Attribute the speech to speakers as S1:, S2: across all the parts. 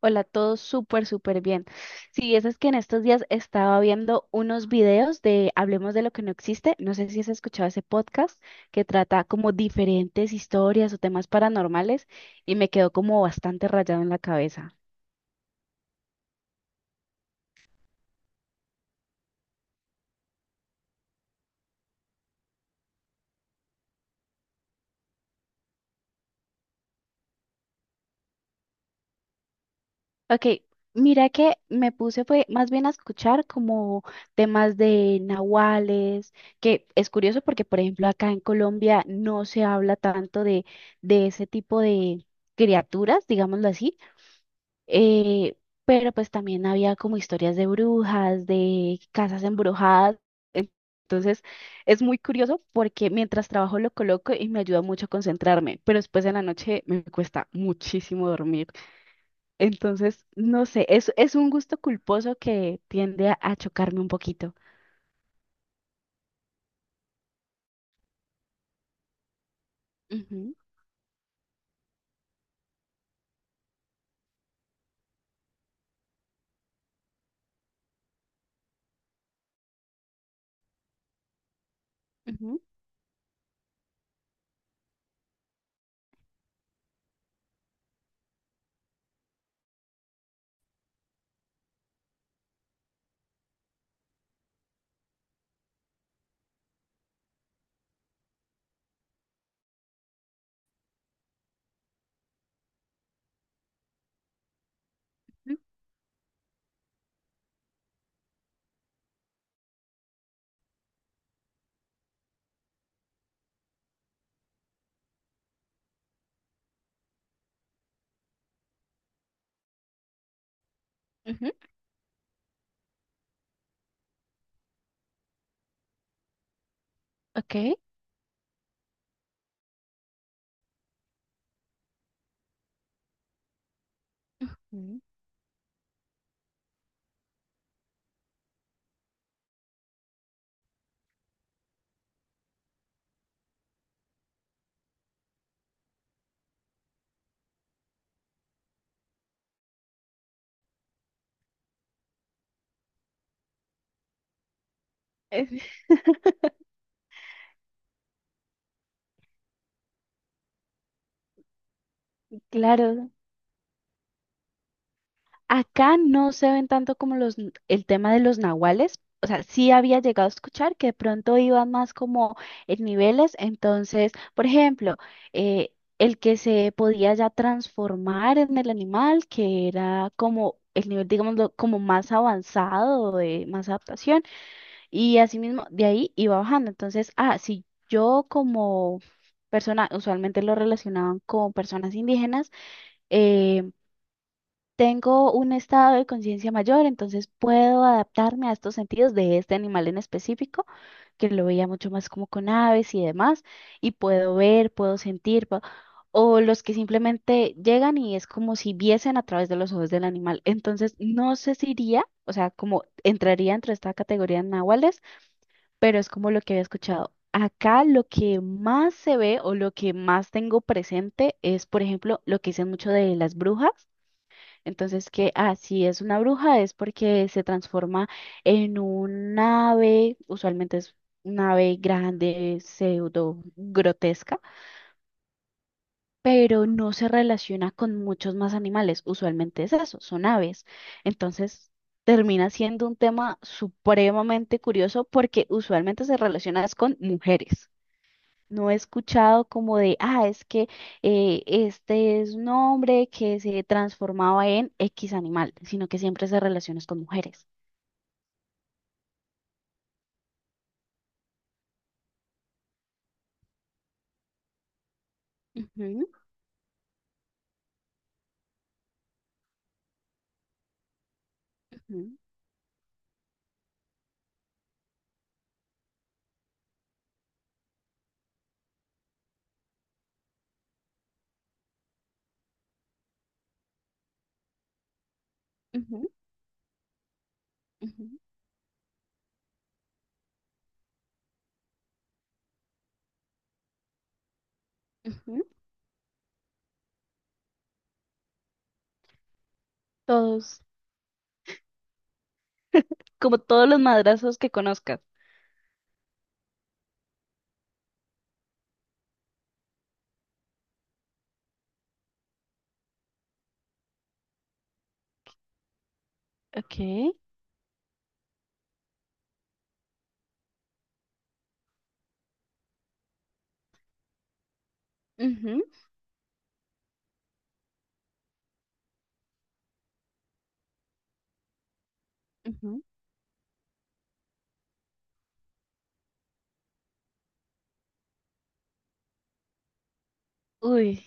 S1: Hola, todo súper, súper bien. Sí, eso es que en estos días estaba viendo unos videos de Hablemos de lo que no existe. No sé si has escuchado ese podcast que trata como diferentes historias o temas paranormales y me quedó como bastante rayado en la cabeza. Ok, mira que me puse fue más bien a escuchar como temas de nahuales, que es curioso porque, por ejemplo, acá en Colombia no se habla tanto de ese tipo de criaturas, digámoslo así. eh, pero pues también había como historias de brujas, de casas embrujadas. en- Entonces es muy curioso porque mientras trabajo lo coloco y me ayuda mucho a concentrarme, pero después en la noche me cuesta muchísimo dormir. Entonces, no sé, es un gusto culposo que tiende a chocarme un poquito. Ujú, ujú, ujú, ujú, ok. Mm. Es- claro, acá no se ven tanto como el tema de los nahuales. O sea, sí había llegado a escuchar que de pronto iban más como en niveles. Entonces, por ejemplo, eh, el que se podía ya transformar en el animal, que era como el nivel, digamos, como más avanzado, de más adaptación. Y asimismo, de ahí iba bajando. Entonces, ah, si yo como persona, usualmente lo relacionaban con personas indígenas, eh, tengo un estado de conciencia mayor, entonces puedo adaptarme a estos sentidos de este animal en específico, que lo veía mucho más como con aves y demás, y puedo ver, puedo sentir, o los que simplemente llegan y es como si viesen a través de los ojos del animal. Entonces, no sé si iría, o sea, como entraría entre esta categoría de nahuales, pero es como lo que había escuchado. Acá lo que más se ve o lo que más tengo presente es, por ejemplo, lo que dicen mucho de las brujas, entonces, que así es una bruja es porque se transforma en un ave, usualmente es una ave grande, pseudo grotesca, pero no se relaciona con muchos más animales. Usualmente es eso, son aves. Entonces, termina siendo un tema supremamente curioso porque usualmente se relaciona es con mujeres. No he escuchado como de, ah, es que este es un hombre que se transformaba en X animal, sino que siempre se relaciona es con mujeres. Ujú, ujú, ujú, ujú, ujú. Todos, como todos los madrazos que conozcas. Ok. Ujú, ujú. Uy,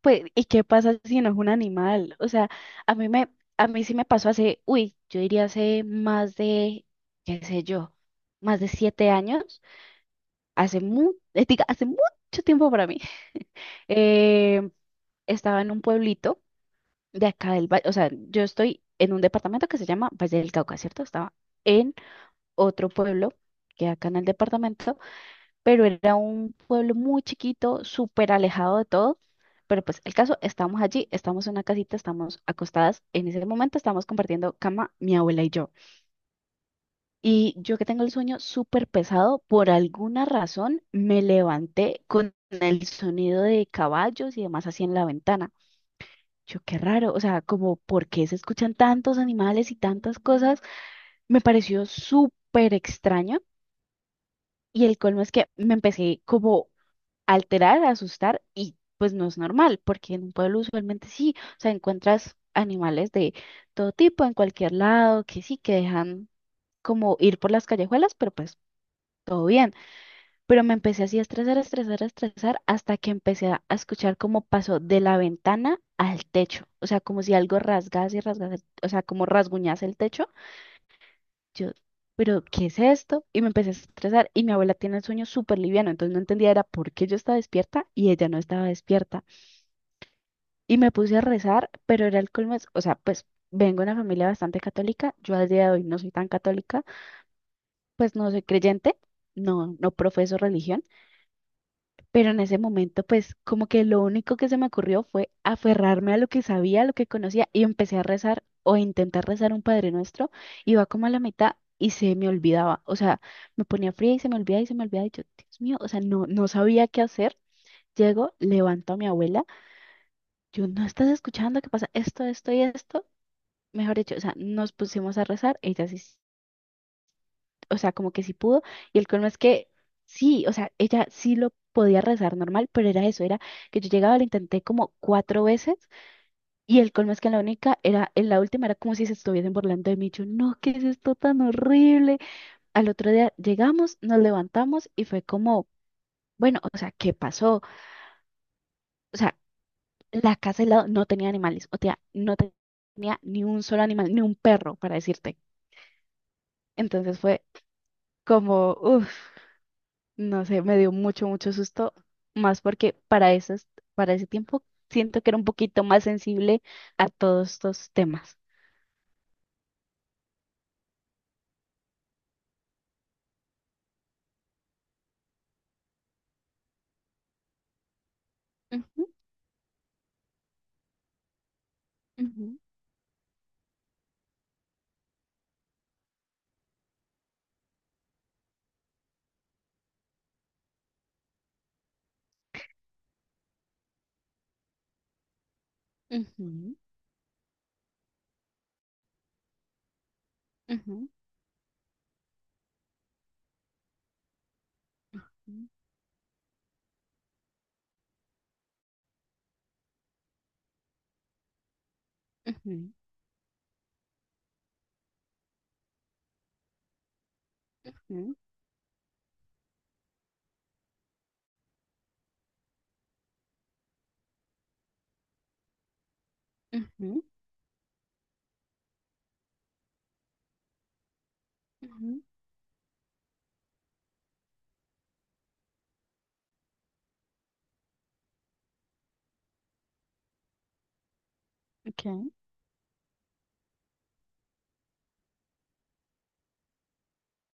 S1: pues, ¿y qué pasa si no es un animal? O sea, a mí me, a mí sí me pasó hace, uy, yo diría hace más de, qué sé yo, más de 7 años. Hace mucho tiempo para mí, eh, estaba en un pueblito de acá del valle, o sea, yo estoy en un departamento que se llama Valle del Cauca, ¿cierto? Estaba en otro pueblo que acá en el departamento, pero era un pueblo muy chiquito, súper alejado de todo. Pero pues el caso, estamos allí, estamos en una casita, estamos acostadas. En ese momento estamos compartiendo cama mi abuela y yo. Y yo que tengo el sueño súper pesado, por alguna razón me levanté con el sonido de caballos y demás así en la ventana. Yo, qué raro, o sea, como por qué se escuchan tantos animales y tantas cosas, me pareció súper extraño. Y el colmo es que me empecé como a alterar, a asustar y pues no es normal, porque en un pueblo usualmente sí, o sea, encuentras animales de todo tipo en cualquier lado, que sí, que dejan como ir por las callejuelas, pero pues todo bien. Pero me empecé así a estresar, a estresar, a estresar, hasta que empecé a escuchar cómo pasó de la ventana al techo, o sea, como si algo rasgase y rasgase, o sea, como rasguñase el techo. Yo, pero ¿qué es esto? Y me empecé a estresar y mi abuela tiene el sueño súper liviano, entonces no entendía era por qué yo estaba despierta y ella no estaba despierta. Y me puse a rezar, pero era el colmo, o sea, pues vengo de una familia bastante católica, yo al día de hoy no soy tan católica, pues no soy creyente, no profeso religión. Pero en ese momento, pues como que lo único que se me ocurrió fue aferrarme a lo que sabía, a lo que conocía y empecé a rezar o a intentar rezar un Padre Nuestro. Iba como a la mitad y se me olvidaba. O sea, me ponía fría y se me olvidaba y se me olvidaba. Y yo, Dios mío, o sea, no sabía qué hacer. Llego, levanto a mi abuela. Yo, ¿no estás escuchando qué pasa? Esto y esto. Mejor dicho, o sea, nos pusimos a rezar. Ella sí, o sea, como que sí pudo, y el colmo es que sí, o sea, ella sí lo podía rezar normal, pero era eso, era que yo llegaba, lo intenté como 4 veces, y el colmo es que en la única, en la última era como si se estuviesen burlando de mí, yo, no, ¿qué es esto tan horrible? Al otro día llegamos, nos levantamos, y fue como, bueno, o sea, ¿qué pasó? O sea, la casa del lado no tenía animales, o sea, no tenía ni un solo animal, ni un perro, para decirte. Entonces fue como, uff. No sé, me dio mucho, mucho susto, más porque para para ese tiempo siento que era un poquito más sensible a todos estos temas. Ujú, ujú, ujú, ujú, ujú, ujú, ujú, ujú, ujú, okay.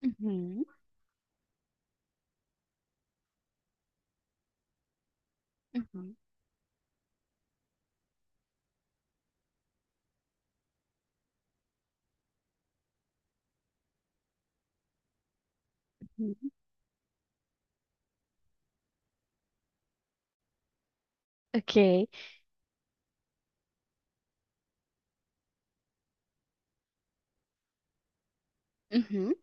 S1: Ujú, ujú, ujú, okay. Ujú.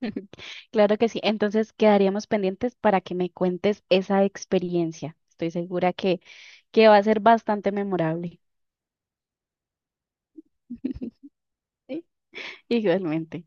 S1: Claro que sí. Entonces quedaríamos pendientes para que me cuentes esa experiencia. Estoy segura que va a ser bastante memorable. Sí, igualmente.